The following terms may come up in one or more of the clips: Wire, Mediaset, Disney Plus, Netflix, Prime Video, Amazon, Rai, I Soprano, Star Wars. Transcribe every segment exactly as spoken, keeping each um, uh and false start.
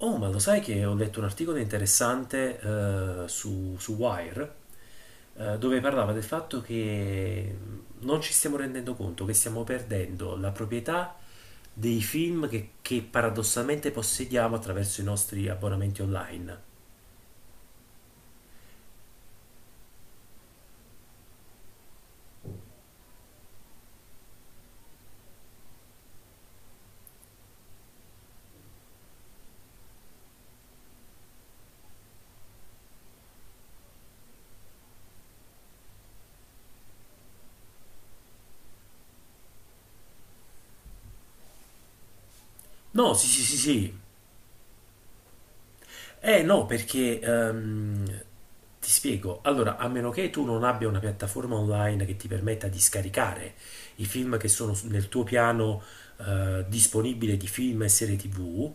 Oh, ma lo sai che ho letto un articolo interessante eh, su, su Wire, eh, dove parlava del fatto che non ci stiamo rendendo conto che stiamo perdendo la proprietà dei film che, che paradossalmente possediamo attraverso i nostri abbonamenti online. No, sì, sì, sì, sì. Eh no, perché ehm, ti spiego. Allora, a meno che tu non abbia una piattaforma online che ti permetta di scaricare i film che sono su- nel tuo piano eh, disponibile di film e serie ti vu,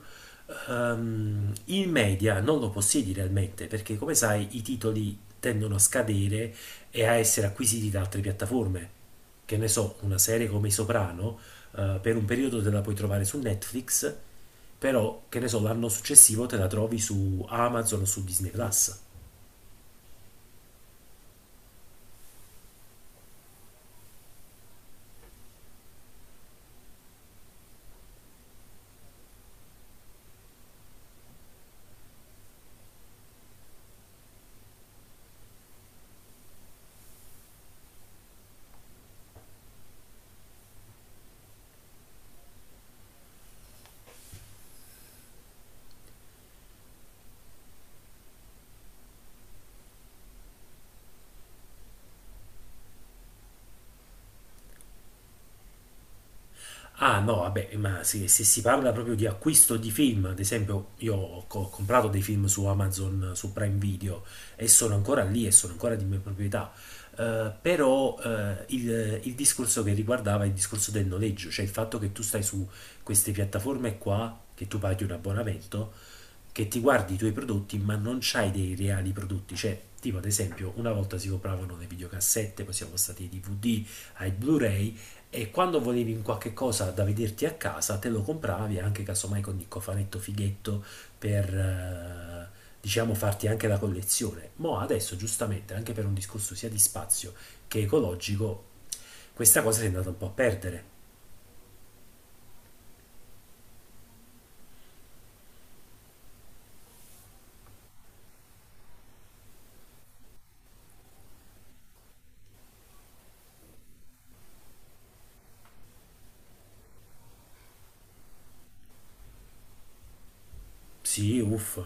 ehm, in media non lo possiedi realmente, perché come sai i titoli tendono a scadere e a essere acquisiti da altre piattaforme. Che ne so, una serie come I Soprano, eh, per un periodo te la puoi trovare su Netflix, però, che ne so, l'anno successivo te la trovi su Amazon o su Disney Plus. Ah no, vabbè, ma se, se si parla proprio di acquisto di film, ad esempio io ho, co- ho comprato dei film su Amazon, su Prime Video e sono ancora lì e sono ancora di mia proprietà. Eh, però eh, il, il discorso che riguardava è il discorso del noleggio, cioè il fatto che tu stai su queste piattaforme qua, che tu paghi un abbonamento, che ti guardi i tuoi prodotti ma non c'hai dei reali prodotti. Cioè, tipo, ad esempio una volta si compravano le videocassette, poi siamo stati ai di vu di, ai Blu-ray, e quando volevi un qualche cosa da vederti a casa te lo compravi anche casomai con il cofanetto fighetto per, eh, diciamo, farti anche la collezione. Ma adesso, giustamente, anche per un discorso sia di spazio che ecologico, questa cosa si è andata un po' a perdere. Sì, uff.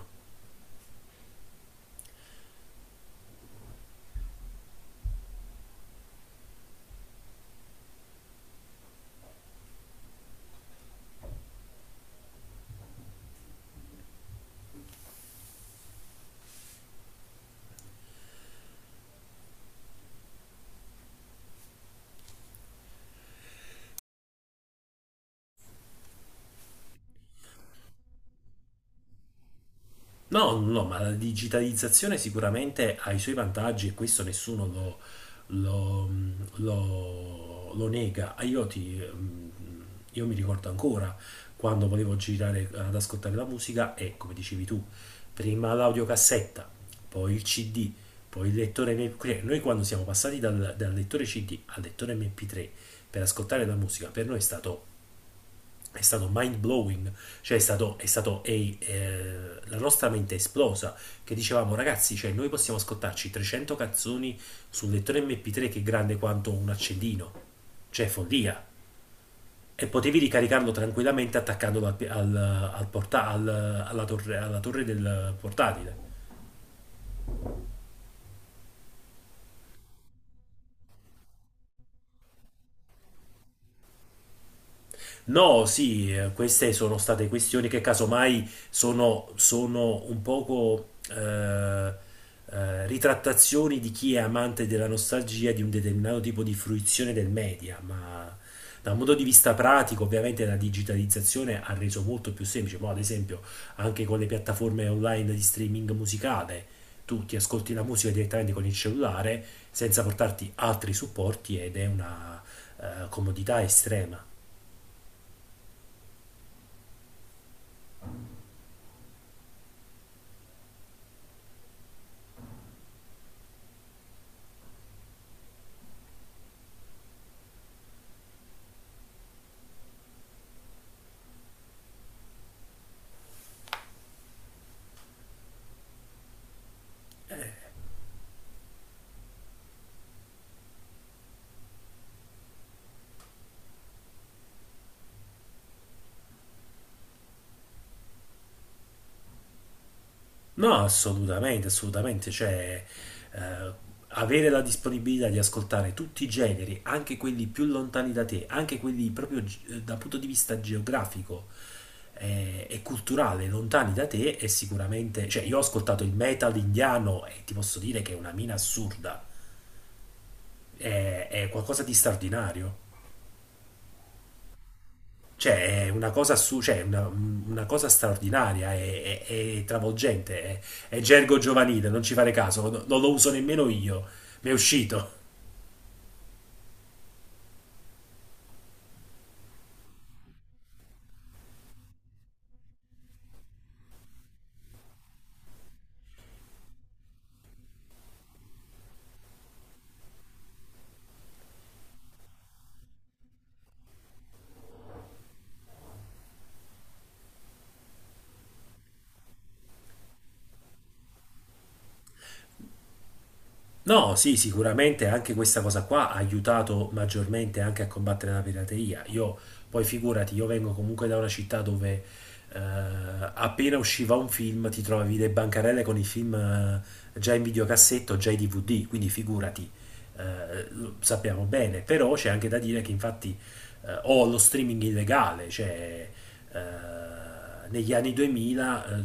No, no, ma la digitalizzazione sicuramente ha i suoi vantaggi e questo nessuno lo, lo- lo- lo nega. Ah. Io, ti- mm, io mi ricordo ancora quando volevo girare ad ascoltare la musica e, come dicevi tu, prima l'audiocassetta, poi il ci di, poi il lettore emme pi tre. Noi quando siamo passati dal, dal lettore ci di al lettore emme pi tre per ascoltare la musica, per noi è stato è stato mind blowing, cioè è stato, è stato è, eh, la nostra mente è esplosa, che dicevamo: ragazzi, cioè noi possiamo ascoltarci trecento canzoni sul lettore emme pi tre che è grande quanto un accendino, cioè follia! E potevi ricaricarlo tranquillamente attaccandolo al, pi- al- al porta- al- alla, torre, alla torre del portatile. No, sì, eh, queste sono state questioni che casomai sono, sono un poco eh, eh, ritrattazioni di chi è amante della nostalgia di un determinato tipo di fruizione del media, ma da un punto di vista pratico, ovviamente la digitalizzazione ha reso molto più semplice. Ma ad esempio anche con le piattaforme online di streaming musicale, tu ti ascolti la musica direttamente con il cellulare senza portarti altri supporti, ed è una eh, comodità estrema. No, assolutamente, assolutamente. Cioè, eh, avere la disponibilità di ascoltare tutti i generi, anche quelli più lontani da te, anche quelli proprio gi- eh, dal punto di vista geografico eh, e culturale, lontani da te, è sicuramente... Cioè, io ho ascoltato il metal indiano e ti posso dire che è una mina assurda, è, è qualcosa di straordinario. Cioè, è una cosa, assu- cioè, una, una cosa straordinaria, è, è- è travolgente, è, è gergo giovanile, non ci fare caso, no- non lo uso nemmeno io, mi è uscito. No, sì, sicuramente anche questa cosa qua ha aiutato maggiormente anche a combattere la pirateria. Io, poi, figurati, io vengo comunque da una città dove, eh, appena usciva un film ti trovavi le bancarelle con i film, eh, già in videocassetto, già in di vu di, quindi figurati, eh, lo sappiamo bene. Però c'è anche da dire che, infatti, eh, o lo streaming illegale, cioè, eh, negli anni duemila, eh,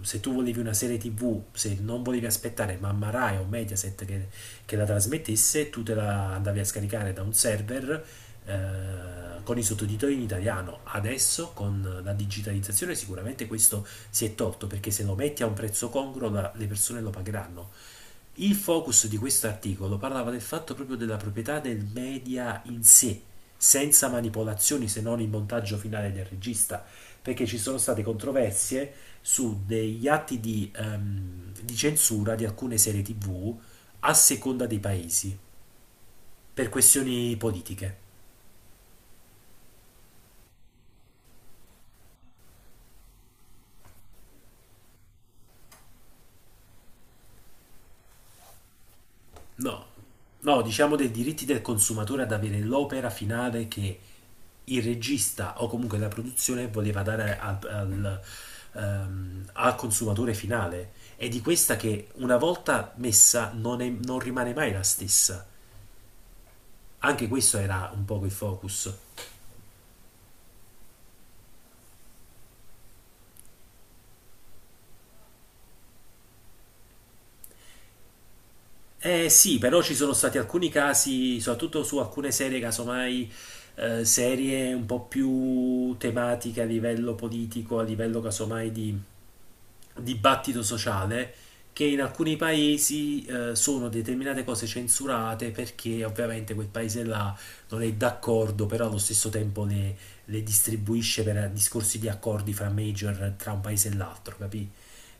se tu volevi una serie tv, se non volevi aspettare mamma Rai o Mediaset che, che la trasmettesse, tu te la andavi a scaricare da un server, eh, con i sottotitoli in italiano. Adesso con la digitalizzazione sicuramente questo si è tolto, perché se lo metti a un prezzo congruo la- le persone lo pagheranno. Il focus di questo articolo parlava del fatto proprio della proprietà del media in sé, senza manipolazioni se non il montaggio finale del regista, perché ci sono state controversie su degli atti di, ehm, di censura di alcune serie ti vu a seconda dei paesi, per questioni politiche. No, no, diciamo dei diritti del consumatore ad avere l'opera finale che il regista o comunque la produzione voleva dare al, al, ehm, al consumatore finale. E di questa che, una volta messa, non, è- non rimane mai la stessa. Anche questo era un poco il focus. Eh sì, però ci sono stati alcuni casi, soprattutto su alcune serie, casomai, eh, serie un po' più tematiche a livello politico, a livello casomai di dibattito sociale, che in alcuni paesi, eh, sono determinate cose censurate perché ovviamente quel paese là non è d'accordo, però allo stesso tempo le, le distribuisce per discorsi di accordi fra major tra un paese e l'altro, capì?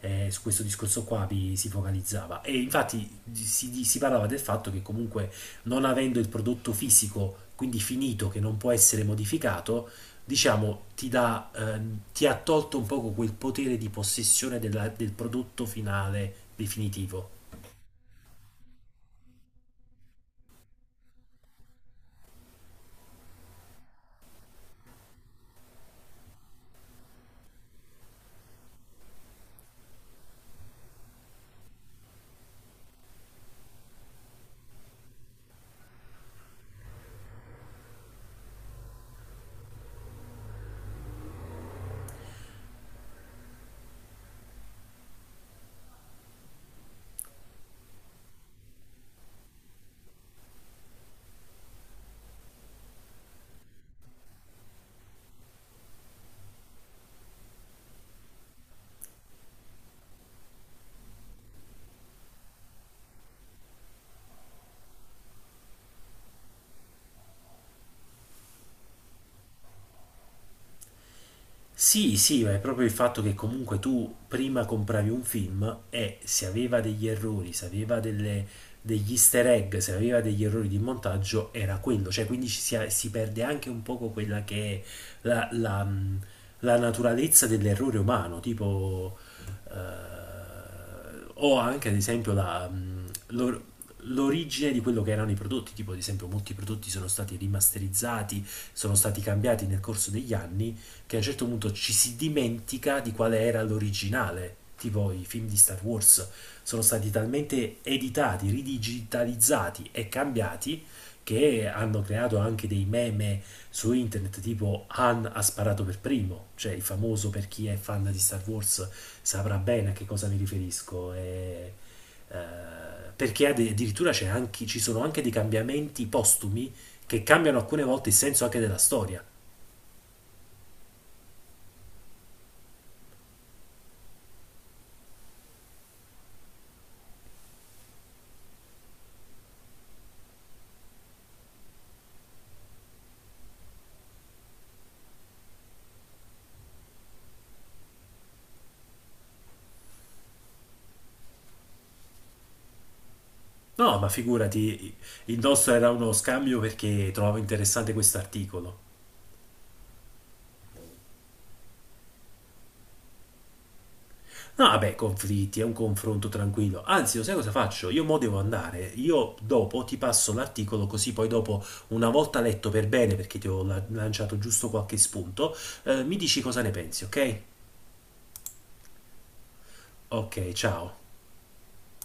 Eh, su questo discorso qua vi- si focalizzava, e infatti si, si parlava del fatto che comunque, non avendo il prodotto fisico, quindi finito, che non può essere modificato, diciamo, ti dà, ehm, ti ha tolto un poco quel potere di possessione della- del prodotto finale definitivo. Sì, sì, ma è proprio il fatto che comunque tu prima compravi un film e se aveva degli errori, se aveva delle- degli easter egg, se aveva degli errori di montaggio, era quello. Cioè, quindi ci si, si perde anche un poco quella che è la, la, mh, la naturalezza dell'errore umano, tipo... eh, o anche, ad esempio, la, mh, l'or- l'origine di quello che erano i prodotti. Tipo, ad esempio, molti prodotti sono stati rimasterizzati, sono stati cambiati nel corso degli anni, che a un certo punto ci si dimentica di quale era l'originale. Tipo i film di Star Wars sono stati talmente editati, ridigitalizzati e cambiati, che hanno creato anche dei meme su internet tipo "Han ha sparato per primo". Cioè, il famoso, per chi è fan di Star Wars saprà bene a che cosa mi riferisco. E, eh, perché ad- addirittura c'è anche- ci sono anche dei cambiamenti postumi che cambiano alcune volte il senso anche della storia. No, ma figurati, il nostro era uno scambio perché trovavo interessante questo articolo. No, vabbè, conflitti, è un confronto tranquillo. Anzi, lo sai cosa faccio? Io mo devo andare. Io dopo ti passo l'articolo, così poi dopo, una volta letto per bene, perché ti ho la- lanciato giusto qualche spunto, eh, mi dici cosa ne pensi, ok? Ok, ciao.